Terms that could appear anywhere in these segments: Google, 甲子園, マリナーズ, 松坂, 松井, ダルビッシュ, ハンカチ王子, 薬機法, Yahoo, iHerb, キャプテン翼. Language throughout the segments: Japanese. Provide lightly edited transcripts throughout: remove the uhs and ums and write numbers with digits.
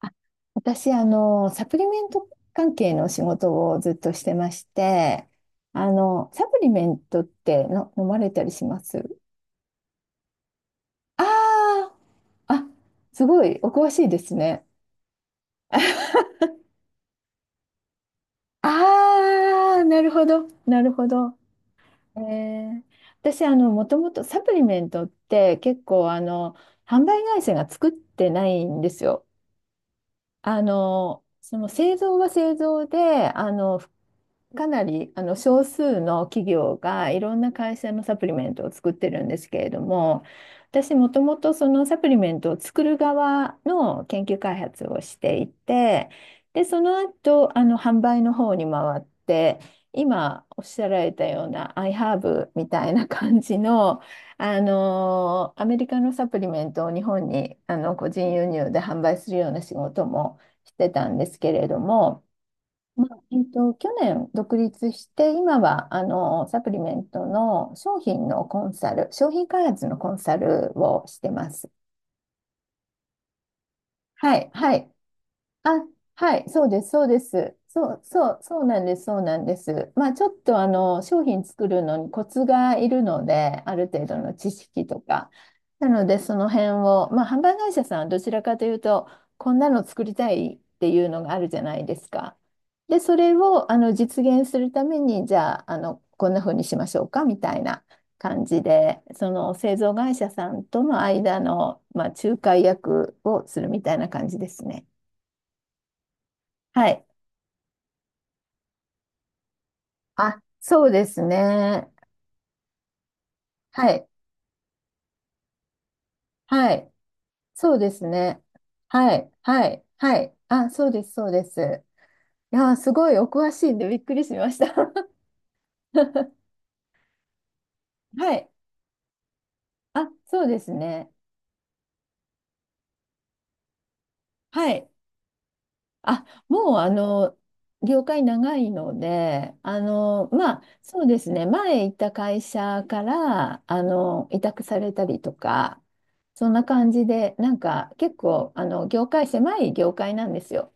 あ私、サプリメント関係の仕事をずっとしてまして、サプリメントっての飲まれたりしますああー、あ、すごい、お詳しいですね。ああ、なるほど、なるほど。えー、私、もともとサプリメントって結構、販売会社が作ってないんですよ。その製造は製造で、かなりあの少数の企業がいろんな会社のサプリメントを作ってるんですけれども、私もともとそのサプリメントを作る側の研究開発をしていて、で、その後、あの販売の方に回って、今おっしゃられたような iHerb みたいな感じの、あのアメリカのサプリメントを日本にあの個人輸入で販売するような仕事もしてたんですけれども、まあ、去年独立して今はあのサプリメントの商品のコンサル、商品開発のコンサルをしてます。はい、はい。あ、はい、そうです、そうです。そう、そう、そうなんです、そうなんです。まあ、ちょっとあの、商品作るのにコツがいるので、ある程度の知識とか。なので、その辺を、まあ、販売会社さんはどちらかというと、こんなの作りたいっていうのがあるじゃないですか。で、それをあの実現するために、じゃあ、あの、こんな風にしましょうか、みたいな感じで、その製造会社さんとの間の、まあ、仲介役をするみたいな感じですね。はい。あ、そうですね。はい。はい。そうですね。はい。はい。はい。あ、そうです。そうです。いやー、すごいお詳しいんでびっくりしました。はい。あ、そうですね。はい。あ、もう、業界長いので、まあ、そうですね。前行った会社から、委託されたりとか、そんな感じで、なんか、結構、業界、狭い業界なんですよ。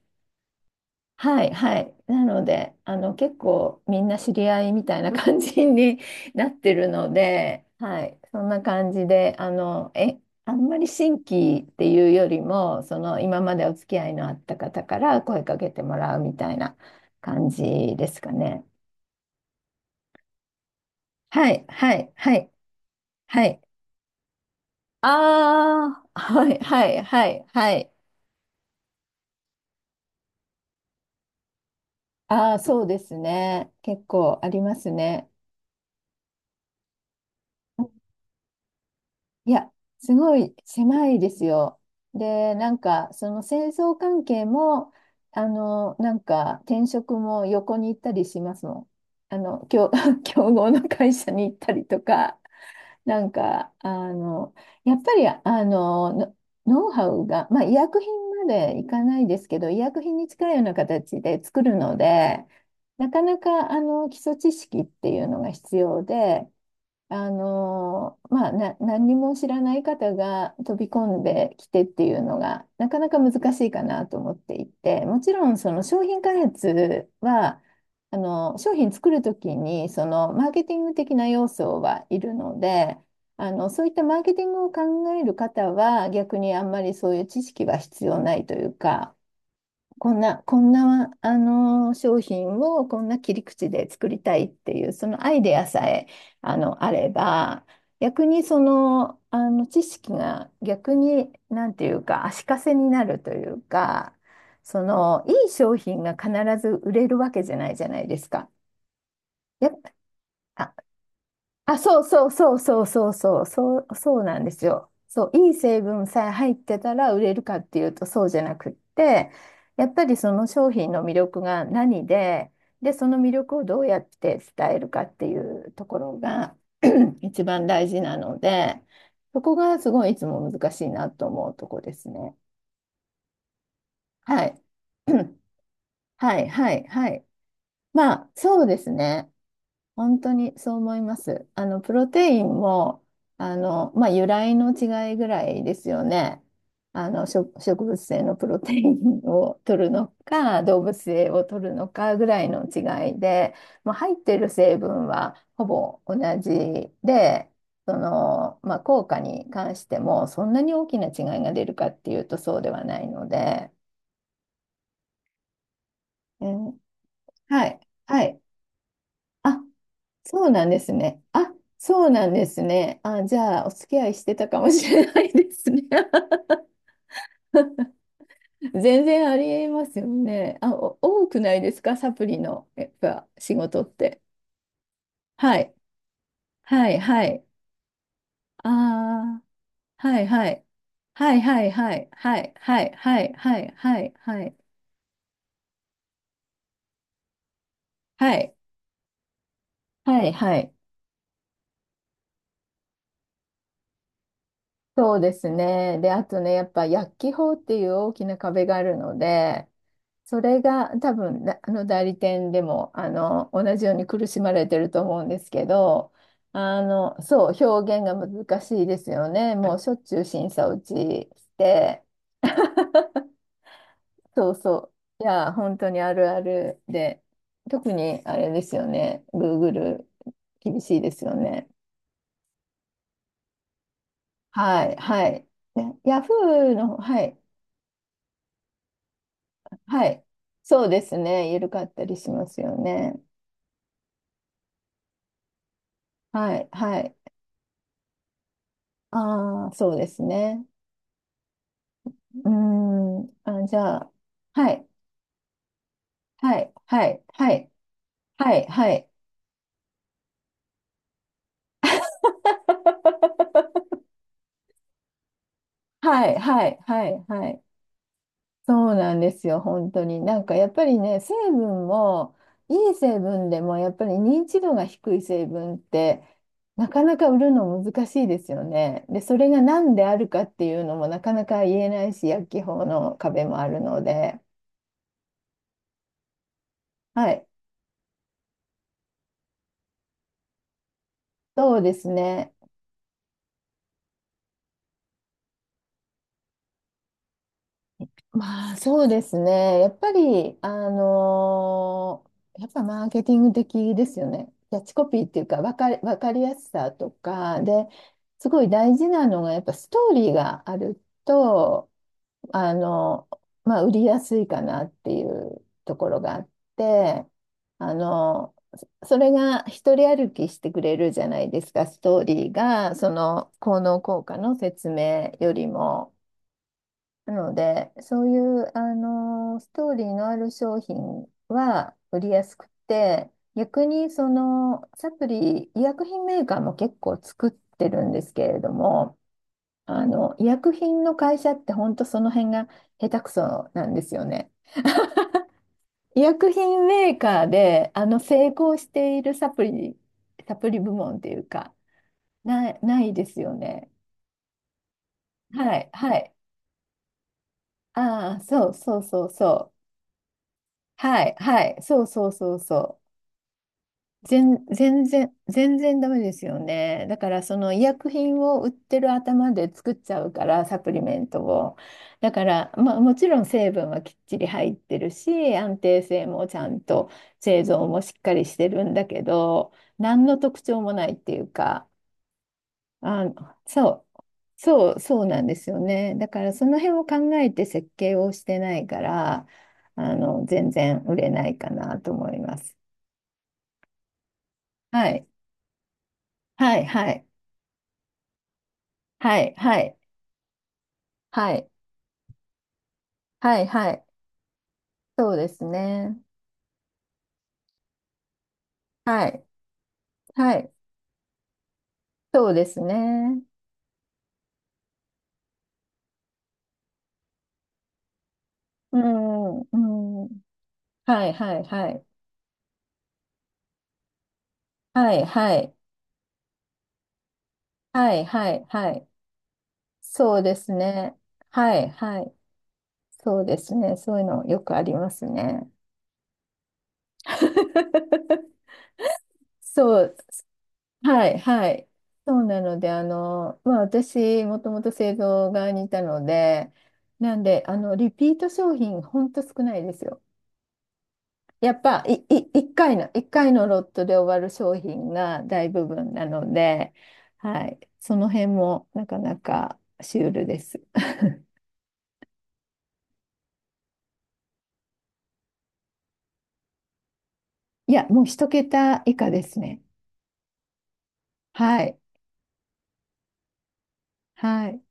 はい、はい。なので、結構みんな知り合いみたいな感じに なってるので、はい、そんな感じで、あんまり新規っていうよりも、その、今までお付き合いのあった方から声かけてもらうみたいな感じですかね。はい、はい、はい、はい。ああ、はい、はい、はい、はい。ああ、そうですね。結構ありますね。いや、すごい狭いですよ。で、なんか、その戦争関係も、なんか、転職も横に行ったりしますもん。競合の会社に行ったりとか、なんか、やっぱり、ノウハウが、まあ、医薬品までいかないですけど、医薬品に近いような形で作るので、なかなか、基礎知識っていうのが必要で、まあ、何にも知らない方が飛び込んできてっていうのがなかなか難しいかなと思っていて、もちろんその商品開発は、商品作るときにそのマーケティング的な要素はいるので、そういったマーケティングを考える方は逆にあんまりそういう知識は必要ないというか、こんな、商品をこんな切り口で作りたいっていう、そのアイデアさえ、あれば、逆にその、知識が逆に、なんていうか、足かせになるというか、その、いい商品が必ず売れるわけじゃないじゃないですか。やっぱ、あ、そうなんですよ。そう、いい成分さえ入ってたら売れるかっていうとそうじゃなくって、やっぱりその商品の魅力が何で、で、その魅力をどうやって伝えるかっていうところが 一番大事なので、そこがすごいいつも難しいなと思うとこですね。はい。はい、はい、はい。まあ、そうですね。本当にそう思います。あの、プロテインも、まあ、由来の違いぐらいですよね。あの、植物性のプロテインを取るのか、動物性を取るのかぐらいの違いで、まあ、入ってる成分はほぼ同じで、その、まあ、効果に関しても、そんなに大きな違いが出るかっていうとそうではないので、うん、はい、はい。あ、そうなんですね。あ、そうなんですね。あ、じゃあ、お付き合いしてたかもしれないですね。全然ありえますよね。あ、お多くないですか、サプリの、やっぱ、仕事って。はい。はい、はい。ああ、はい、はい。はい、はい、はい、はい、はい、はい、はい、はい、はい、はい、はい、はい。そうですね。で、あとね、やっぱ薬機法っていう大きな壁があるので、それが多分だあの代理店でもあの同じように苦しまれてると思うんですけど、あのそう、表現が難しいですよね。もうしょっちゅう審査落ちして、そうそう。いや、本当にあるあるで、特にあれですよね。Google 厳しいですよね。はい、はい。ね、Yahoo の、はい。はい。そうですね。緩かったりしますよね。はい。はい。ああ、そうですね。うーん。あ、じゃあ、はい。はい。はい。はい。はい。はい。はい。はい。はい。はい。はい。そうなんですよ、本当に。なんかやっぱりね、成分も、いい成分でもやっぱり認知度が低い成分って、なかなか売るの難しいですよね。で、それが何であるかっていうのもなかなか言えないし、薬機法の壁もあるので。はい、そうですね。まあそうですね。やっぱり、やっぱマーケティング的ですよね。キャッチコピーっていうか、わかりやすさとか、で、すごい大事なのが、やっぱストーリーがあると、あの、まあ売りやすいかなっていうところがあって、あの、それが一人歩きしてくれるじゃないですか、ストーリーが、その効能効果の説明よりも。なので、そういう、あのストーリーのある商品は売りやすくて、逆にそのサプリ、医薬品メーカーも結構作ってるんですけれども、医薬品の会社って本当その辺が下手くそなんですよね。医薬品メーカーで、成功しているサプリ、サプリ部門っていうか、ないですよね。はい、はい。ああ、そうそうそうそう。はい、はい、そうそうそうそう。全然ダメですよね。だからその医薬品を売ってる頭で作っちゃうから、サプリメントを。だから、まあ、もちろん成分はきっちり入ってるし、安定性もちゃんと製造もしっかりしてるんだけど、何の特徴もないっていうか、あ、そう、そうなんですよね。だからその辺を考えて設計をしてないから、全然売れないかなと思います。はい、はい、はい。はい、はい、はい、はい、はい、そうですね。はい、はい、そうですね。うん、うん、はい、はい、はい、はい、はい、はい、はい、はい、そうですね。はい、はい、そうですね。そういうのよくありますね。そう、はい、はい。そうなので、まあ、私、もともと製造側にいたので、なんで、リピート商品、ほんと少ないですよ。やっぱ、い、い、一回の、一回のロットで終わる商品が大部分なので、はい。その辺もなかなかシュールです。いや、もう一桁以下ですね。はい。はい。